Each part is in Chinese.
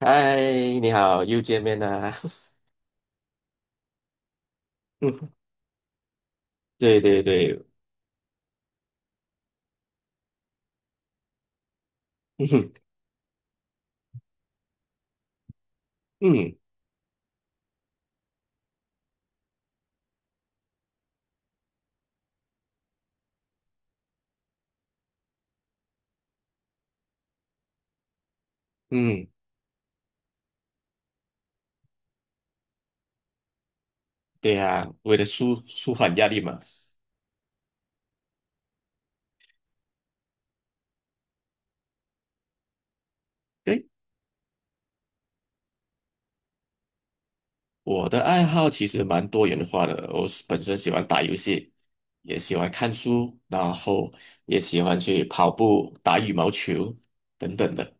嗨，你好，又见面啦！嗯，对对对。嗯哼。嗯嗯。对呀，为了舒缓压力嘛。对，我的爱好其实蛮多元化的，我是本身喜欢打游戏，也喜欢看书，然后也喜欢去跑步、打羽毛球等等的。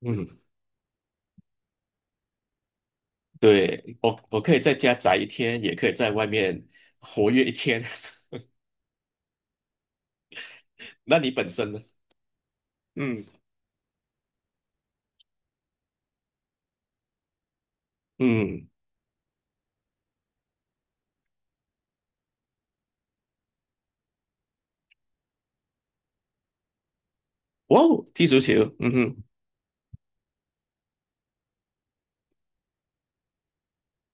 嗯，对，我可以在家宅一天，也可以在外面活跃一天。那你本身呢？嗯嗯。哇哦，踢足球。嗯哼。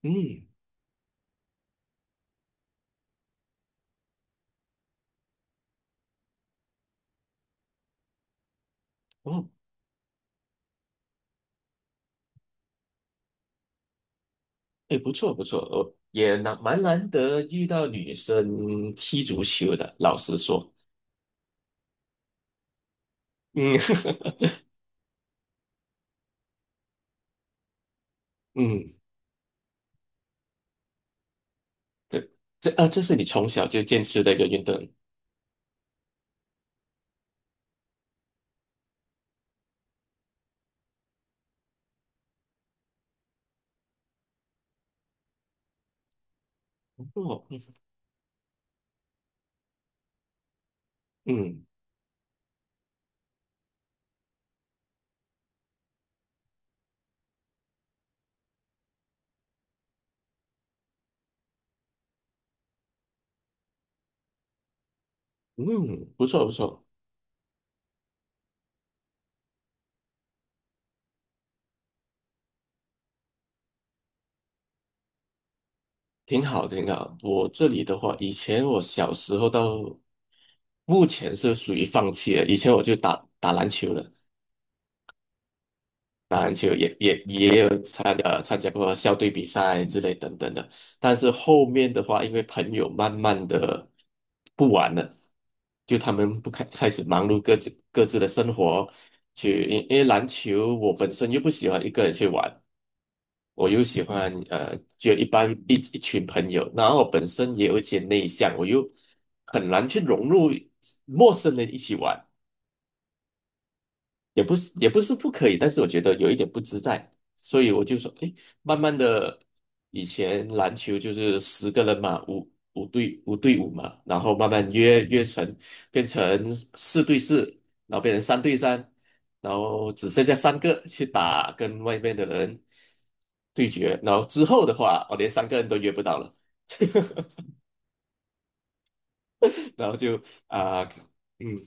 嗯。哇哦。哎，不错不错，我也蛮难得遇到女生踢足球的，老实说。嗯 嗯，对，这是你从小就坚持的一个运动。哦，嗯嗯。嗯不错不错，挺好挺好。我这里的话，以前我小时候到目前是属于放弃了，以前我就打打篮球了。打篮球也有参加过校队比赛之类等等的，但是后面的话，因为朋友慢慢的不玩了，就他们不开开始忙碌各自的生活，因为篮球我本身又不喜欢一个人去玩，我又喜欢就一般一群朋友，然后我本身也有一些内向，我又很难去融入陌生人一起玩。也不是不可以，但是我觉得有一点不自在，所以我就说，哎，慢慢的，以前篮球就是10个人嘛，五对五嘛，然后慢慢约约成变成4对4，然后变成3对3，然后只剩下三个去打跟外面的人对决，然后之后的话，我连3个人都约不到了。然后就啊，嗯，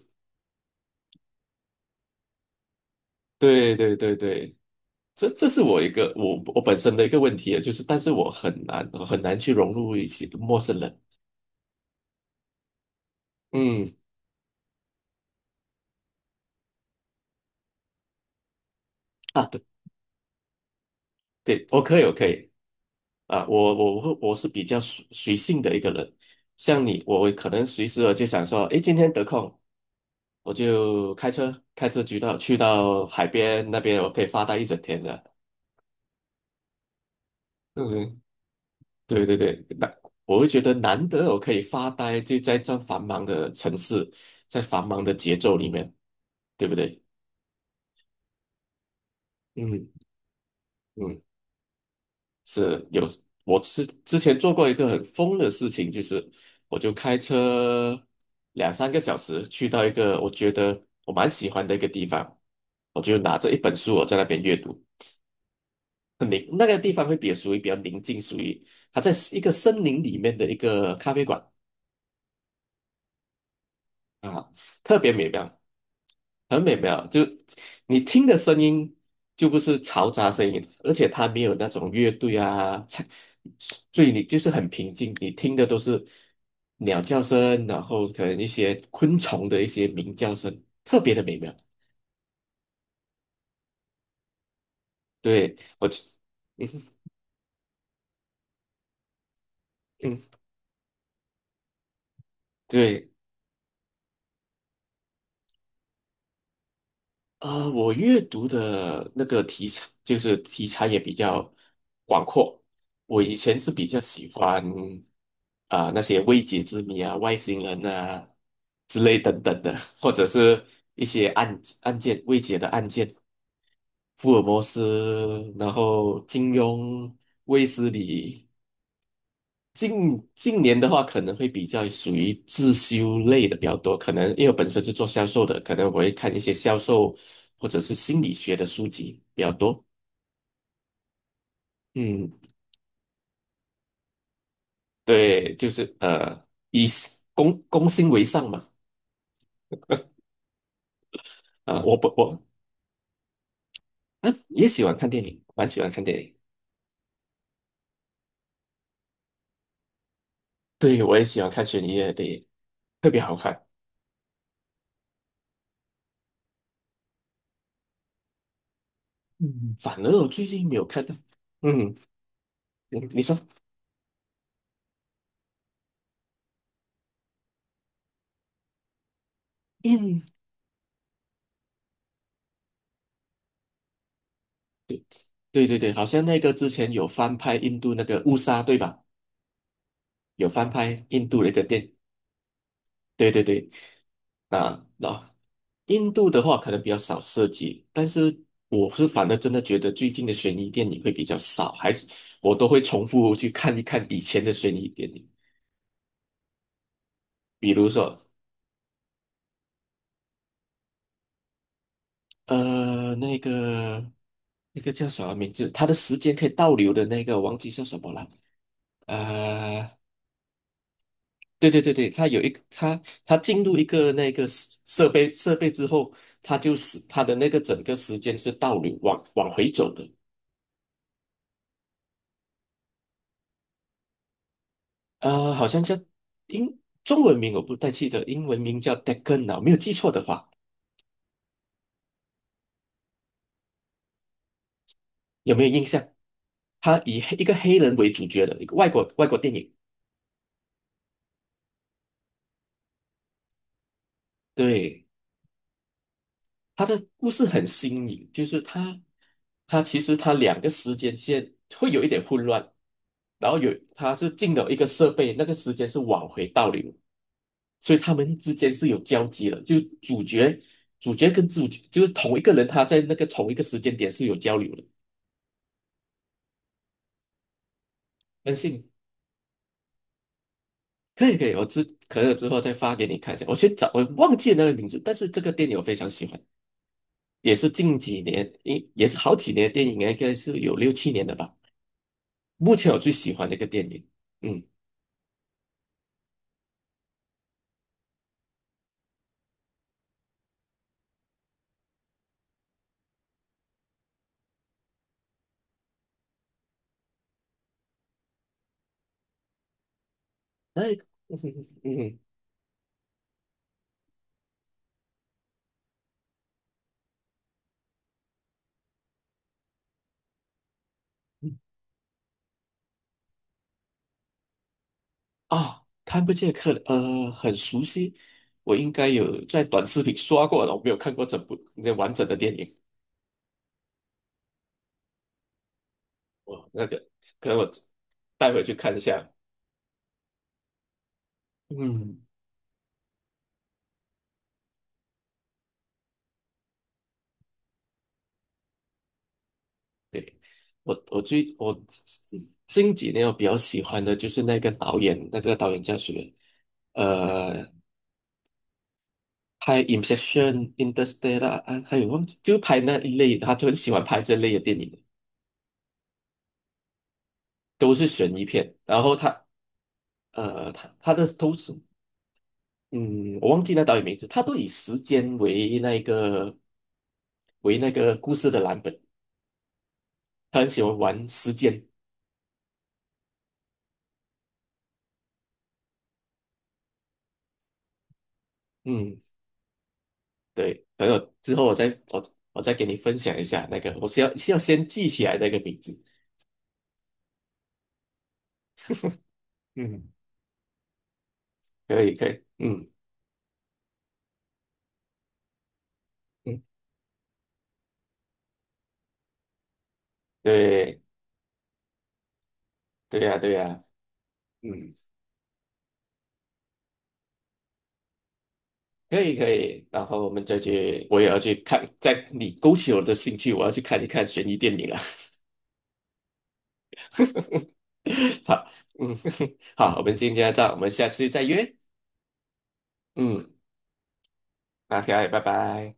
对对对对。这是我本身的一个问题，啊，就是但是我很难去融入一些陌生人。嗯。啊，对对，我可以啊，我是比较随性的一个人，像你，我可能随时我就想说，诶，今天得空，我就开车去到海边那边，我可以发呆一整天的。嗯，对对对。那我会觉得难得我可以发呆，就在这样繁忙的城市，在繁忙的节奏里面，对不对？嗯。嗯，是有，我之前做过一个很疯的事情，就是我就开车两三个小时去到一个我觉得我蛮喜欢的一个地方，我就拿着一本书，我在那边阅读，那个地方会比较属于比较宁静，属于它在一个森林里面的一个咖啡馆啊。特别美妙。很美妙，就你听的声音就不是嘈杂声音，而且它没有那种乐队啊，所以你就是很平静，你听的都是鸟叫声，然后可能一些昆虫的一些鸣叫声，特别的美妙。对，嗯嗯，对，我阅读的那个题材也比较广阔。我以前是比较喜欢啊，那些未解之谜啊、外星人啊之类等等的，或者是一些案件未解的案件，福尔摩斯，然后金庸、卫斯理。近年的话，可能会比较属于自修类的比较多，可能因为我本身是做销售的，可能我会看一些销售或者是心理学的书籍比较多。嗯，对，就是以公心为上嘛。啊，我不我嗯也喜欢看电影，蛮喜欢看电影。对，我也喜欢看悬疑类的电影，特别好看。嗯，反而我最近没有看到。嗯，你说，印，对对对对，好像那个之前有翻拍印度那个《误杀》，对吧？有翻拍印度的一个电，对对对。啊，那印度的话可能比较少涉及，但是我是反而真的觉得最近的悬疑电影会比较少，还是我都会重复去看一看以前的悬疑电影，比如说呃那个那个叫什么名字，他的时间可以倒流的那个，忘记叫什么了。呃对对对对，他有一个它进入一个那个设备之后，他就是他的那个整个时间是倒流往回走的。啊，好像叫英中文名我不太记得，英文名叫 Deccan 啊，没有记错的话，有没有印象？他以一个黑人为主角的一个外国电影。对，他的故事很新颖，就是他其实2个时间线会有一点混乱，然后有他是进了一个设备，那个时间是往回倒流。所以他们之间是有交集的，就主角跟主角就是同一个人，他在那个同一个时间点是有交流的。但是可以可以，我之后再发给你看一下。我去找，我忘记了那个名字，但是这个电影我非常喜欢，也是近几年，也是好几年的电影，应该是有六七年的吧。目前我最喜欢的一个电影。嗯，哎，嗯嗯嗯。啊，看不见客人呃，很熟悉，我应该有在短视频刷过了，我没有看过整部那完整的电影。我那个可能我待会去看一下。嗯，对，我近几年我比较喜欢的就是那个导演，那个导演叫什么？呃，拍《Inception》《Interstellar》啊，还有忘记，就拍那一类的，他就很喜欢拍这类的电影，都是悬疑片。然后他呃，他他的都是嗯，我忘记那导演名字，他都以时间为那个为那个故事的蓝本，他很喜欢玩时间。嗯。对，等我之后我我再给你分享一下那个，我是要先记起来那个名字。嗯，可以可以，嗯嗯，对，对呀对呀，嗯，可以可以。然后我们再去，我也要去看，在你勾起我的兴趣，我要去看一看悬疑电影了。好，嗯，好，我们今天就到这，我们下次再约。嗯，那 OK，拜拜。